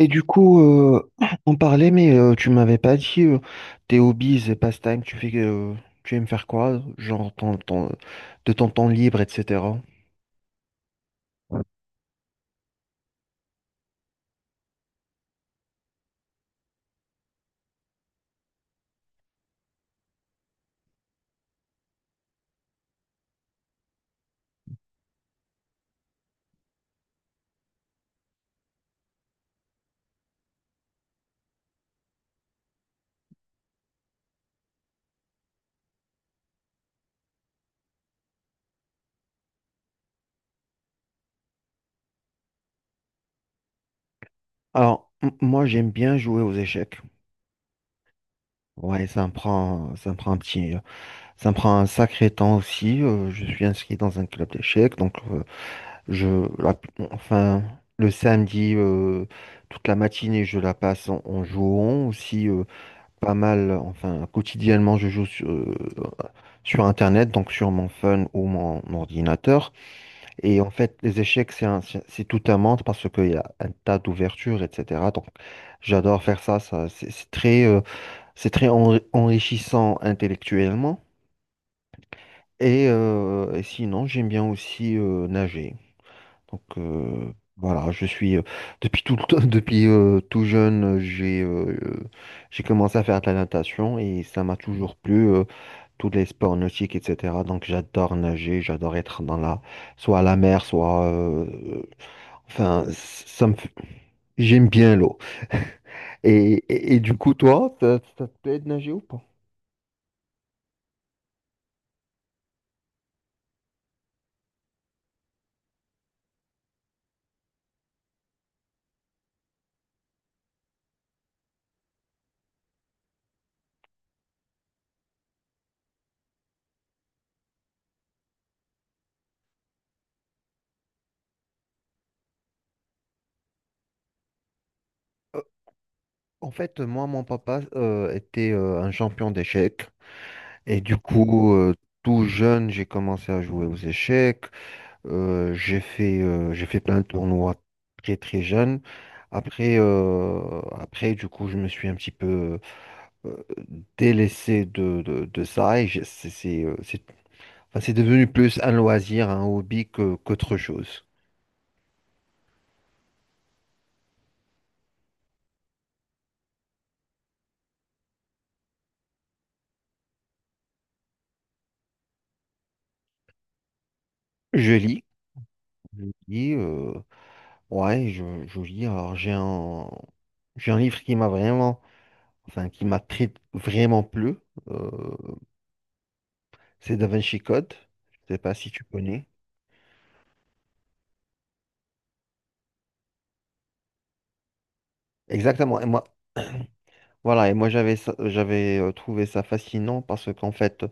Et du coup, on parlait, mais tu m'avais pas dit tes hobbies et pastimes, tu fais, tu aimes faire quoi, genre de ton temps libre, etc. Alors, moi, j'aime bien jouer aux échecs. Ouais, ça me prend un sacré temps aussi. Je suis inscrit dans un club d'échecs, donc Je, la- enfin, le samedi, toute la matinée, je la passe en jouant aussi pas mal. Enfin, quotidiennement, sur Internet, donc sur mon phone ou mon ordinateur. Et en fait, les échecs, c'est tout un monde parce qu'il y a un tas d'ouvertures, etc. Donc, j'adore faire ça. Ça, c'est très, enrichissant intellectuellement. Et sinon, j'aime bien aussi nager. Donc voilà, je suis depuis tout le temps, depuis tout jeune, j'ai commencé à faire de la natation et ça m'a toujours plu, tous les sports nautiques, etc. Donc j'adore nager, j'adore être dans la soit à la mer, soit enfin ça me fait- j'aime bien l'eau. Et du coup, toi, ça te plaît de nager ou pas? Euh, En fait, moi, mon papa était un champion d'échecs. Et du coup, tout jeune, j'ai commencé à jouer aux échecs. J'ai fait plein de tournois très très jeune. Après, après, du coup, je me suis un petit peu euh, délaissé de ça et c'est devenu plus un loisir, un hobby que, qu'autre chose. Je lis, je lis, ouais, je lis. Alors, j'ai un livre qui m'a vraiment, enfin, qui m'a vraiment plu. Euh, c'est Da Vinci Code. Je sais pas si tu connais. Exactement. Voilà, et moi j'avais trouvé ça fascinant parce qu'en fait,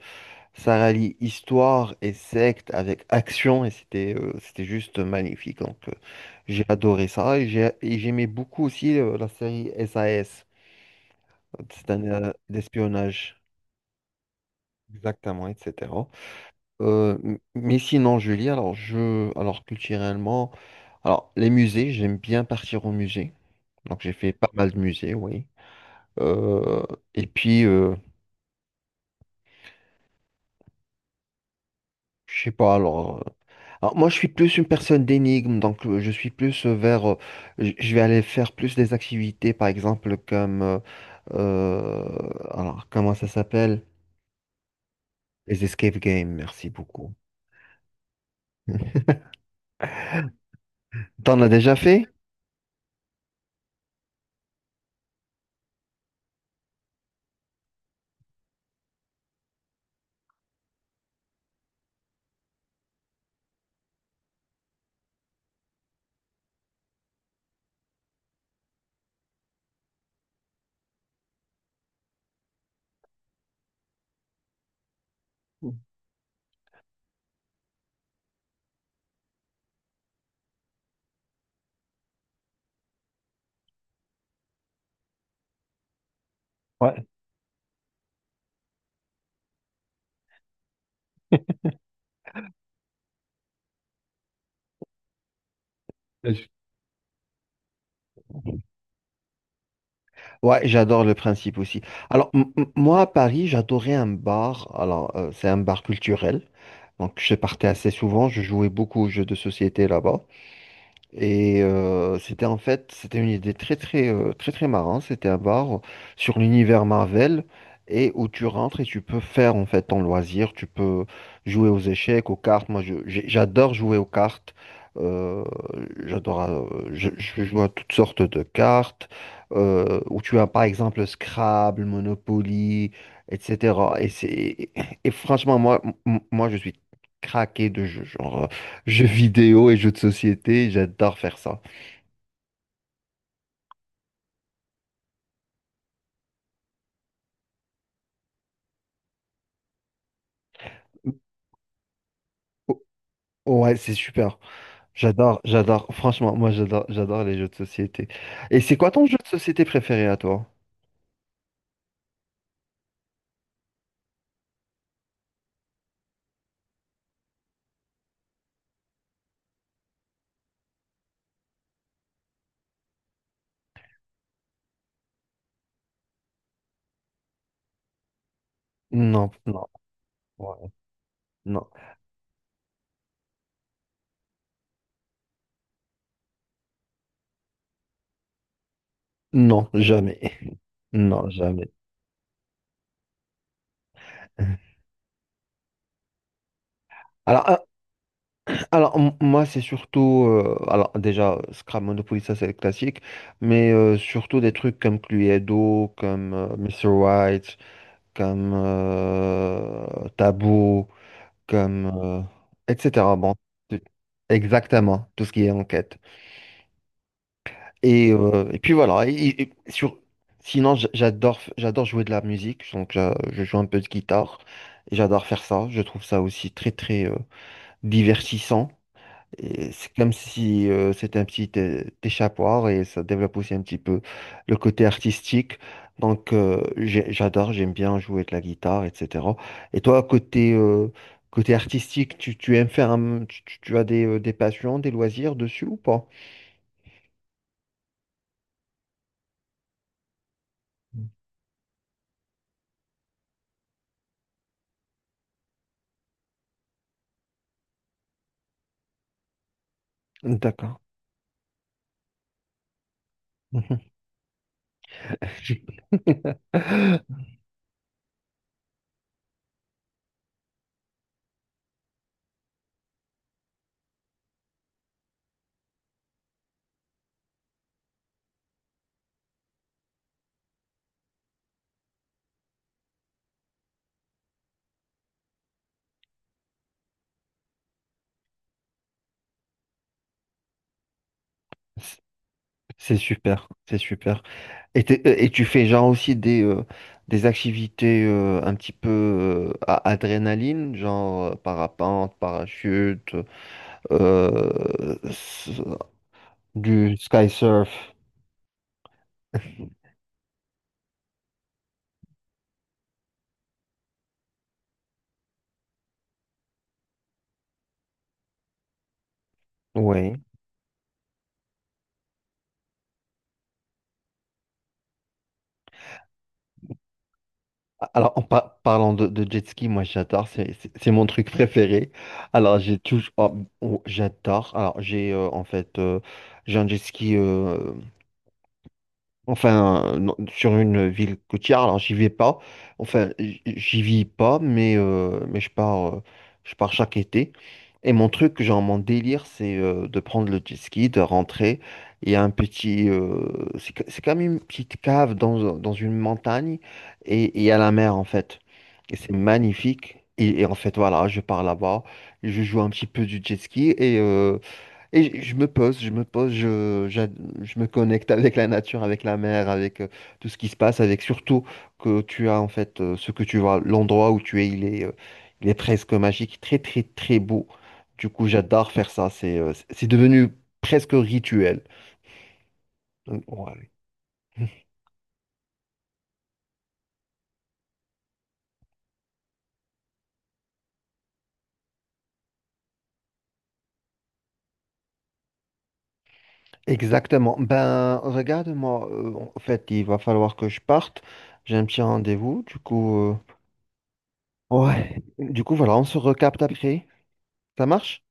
ça rallie histoire et secte avec action et c'était juste magnifique. Donc j'ai adoré ça et j'aimais beaucoup aussi la série SAS, c'est un d'espionnage, exactement, etc. Mais sinon, Julie, alors culturellement, alors les musées, j'aime bien partir au musée. Donc j'ai fait pas mal de musées, oui. Euh, et puis Je sais pas, moi, je suis plus une personne d'énigme, donc je suis plus vers. Je vais aller faire plus des activités, par exemple, comme. Euh, alors, comment ça s'appelle? Les escape games, merci beaucoup. T'en as déjà fait? Je Ouais, j'adore le principe aussi. Alors, moi, à Paris, j'adorais un bar. Alors, c'est un bar culturel. Donc, je partais assez souvent. Je jouais beaucoup aux jeux de société là-bas. C'était une idée très très très très marrante. C'était un bar sur l'univers Marvel et où tu rentres et tu peux faire en fait ton loisir. Tu peux jouer aux échecs, aux cartes. Moi, j'adore jouer aux cartes. Euh, j'adore. euh, je joue à toutes sortes de cartes où tu as par exemple Scrabble, Monopoly, etc. Et franchement moi je suis craqué de jeux. Jeux vidéo et jeux de société, j'adore faire ça. O- Ouais, c'est super. J'adore, j'adore. Franchement, moi, j'adore, j'adore les jeux de société. Et c'est quoi ton jeu de société préféré à toi? Non, non, ouais, non, non, jamais, non, jamais. Alors, Alors, moi, c'est surtout. Alors, déjà, Scrap Monopoly, ça, c'est le classique. Mais surtout des trucs comme Cluedo, comme Mr. White, comme Tabou, comme. Etc. Bon, c'est- exactement, tout ce qui est enquête. Et puis voilà. Sinon, j'adore jouer de la musique. Donc, je joue un peu de guitare. Et j'adore faire ça. Je trouve ça aussi très, très divertissant. Et c'est comme si c'était un petit échappatoire et ça développe aussi un petit peu le côté artistique. Donc j'adore, j'aime bien jouer de la guitare, etc. Et toi, côté, côté artistique, tu aimes faire un, tu as des passions, des loisirs dessus ou pas? D'accord. C'est super, c'est super. Et, et tu fais genre aussi des activités un petit peu à adrénaline, genre parapente, parachute, euh, s- du sky surf. Oui. Alors, parlant de jet ski, moi j'adore, c'est mon truc préféré. Alors, j'ai toujours. Oh, oh, j'adore. J'ai un jet ski non, sur une ville côtière, alors j'y vais pas. Enfin, j'y vis pas, mais je pars chaque été. Et mon truc, genre mon délire, c'est de prendre le jet ski, de rentrer. Il y a un petit, c'est comme une petite cave dans une montagne et il y a la mer en fait. Et c'est magnifique. Et en fait, voilà, je pars là-bas, je joue un petit peu du jet ski et je me pose, je me connecte avec la nature, avec la mer, avec tout ce qui se passe, avec surtout que tu as en fait ce que tu vois, l'endroit où tu es, il est presque magique, très très très beau. Du coup, j'adore faire ça, c'est devenu presque rituel. Donc, ouais. Exactement. Ben, regarde-moi, en fait, il va falloir que je parte. J'ai un petit rendez-vous, du coup, ouais. Du coup, voilà, on se recapte après. Ça marche?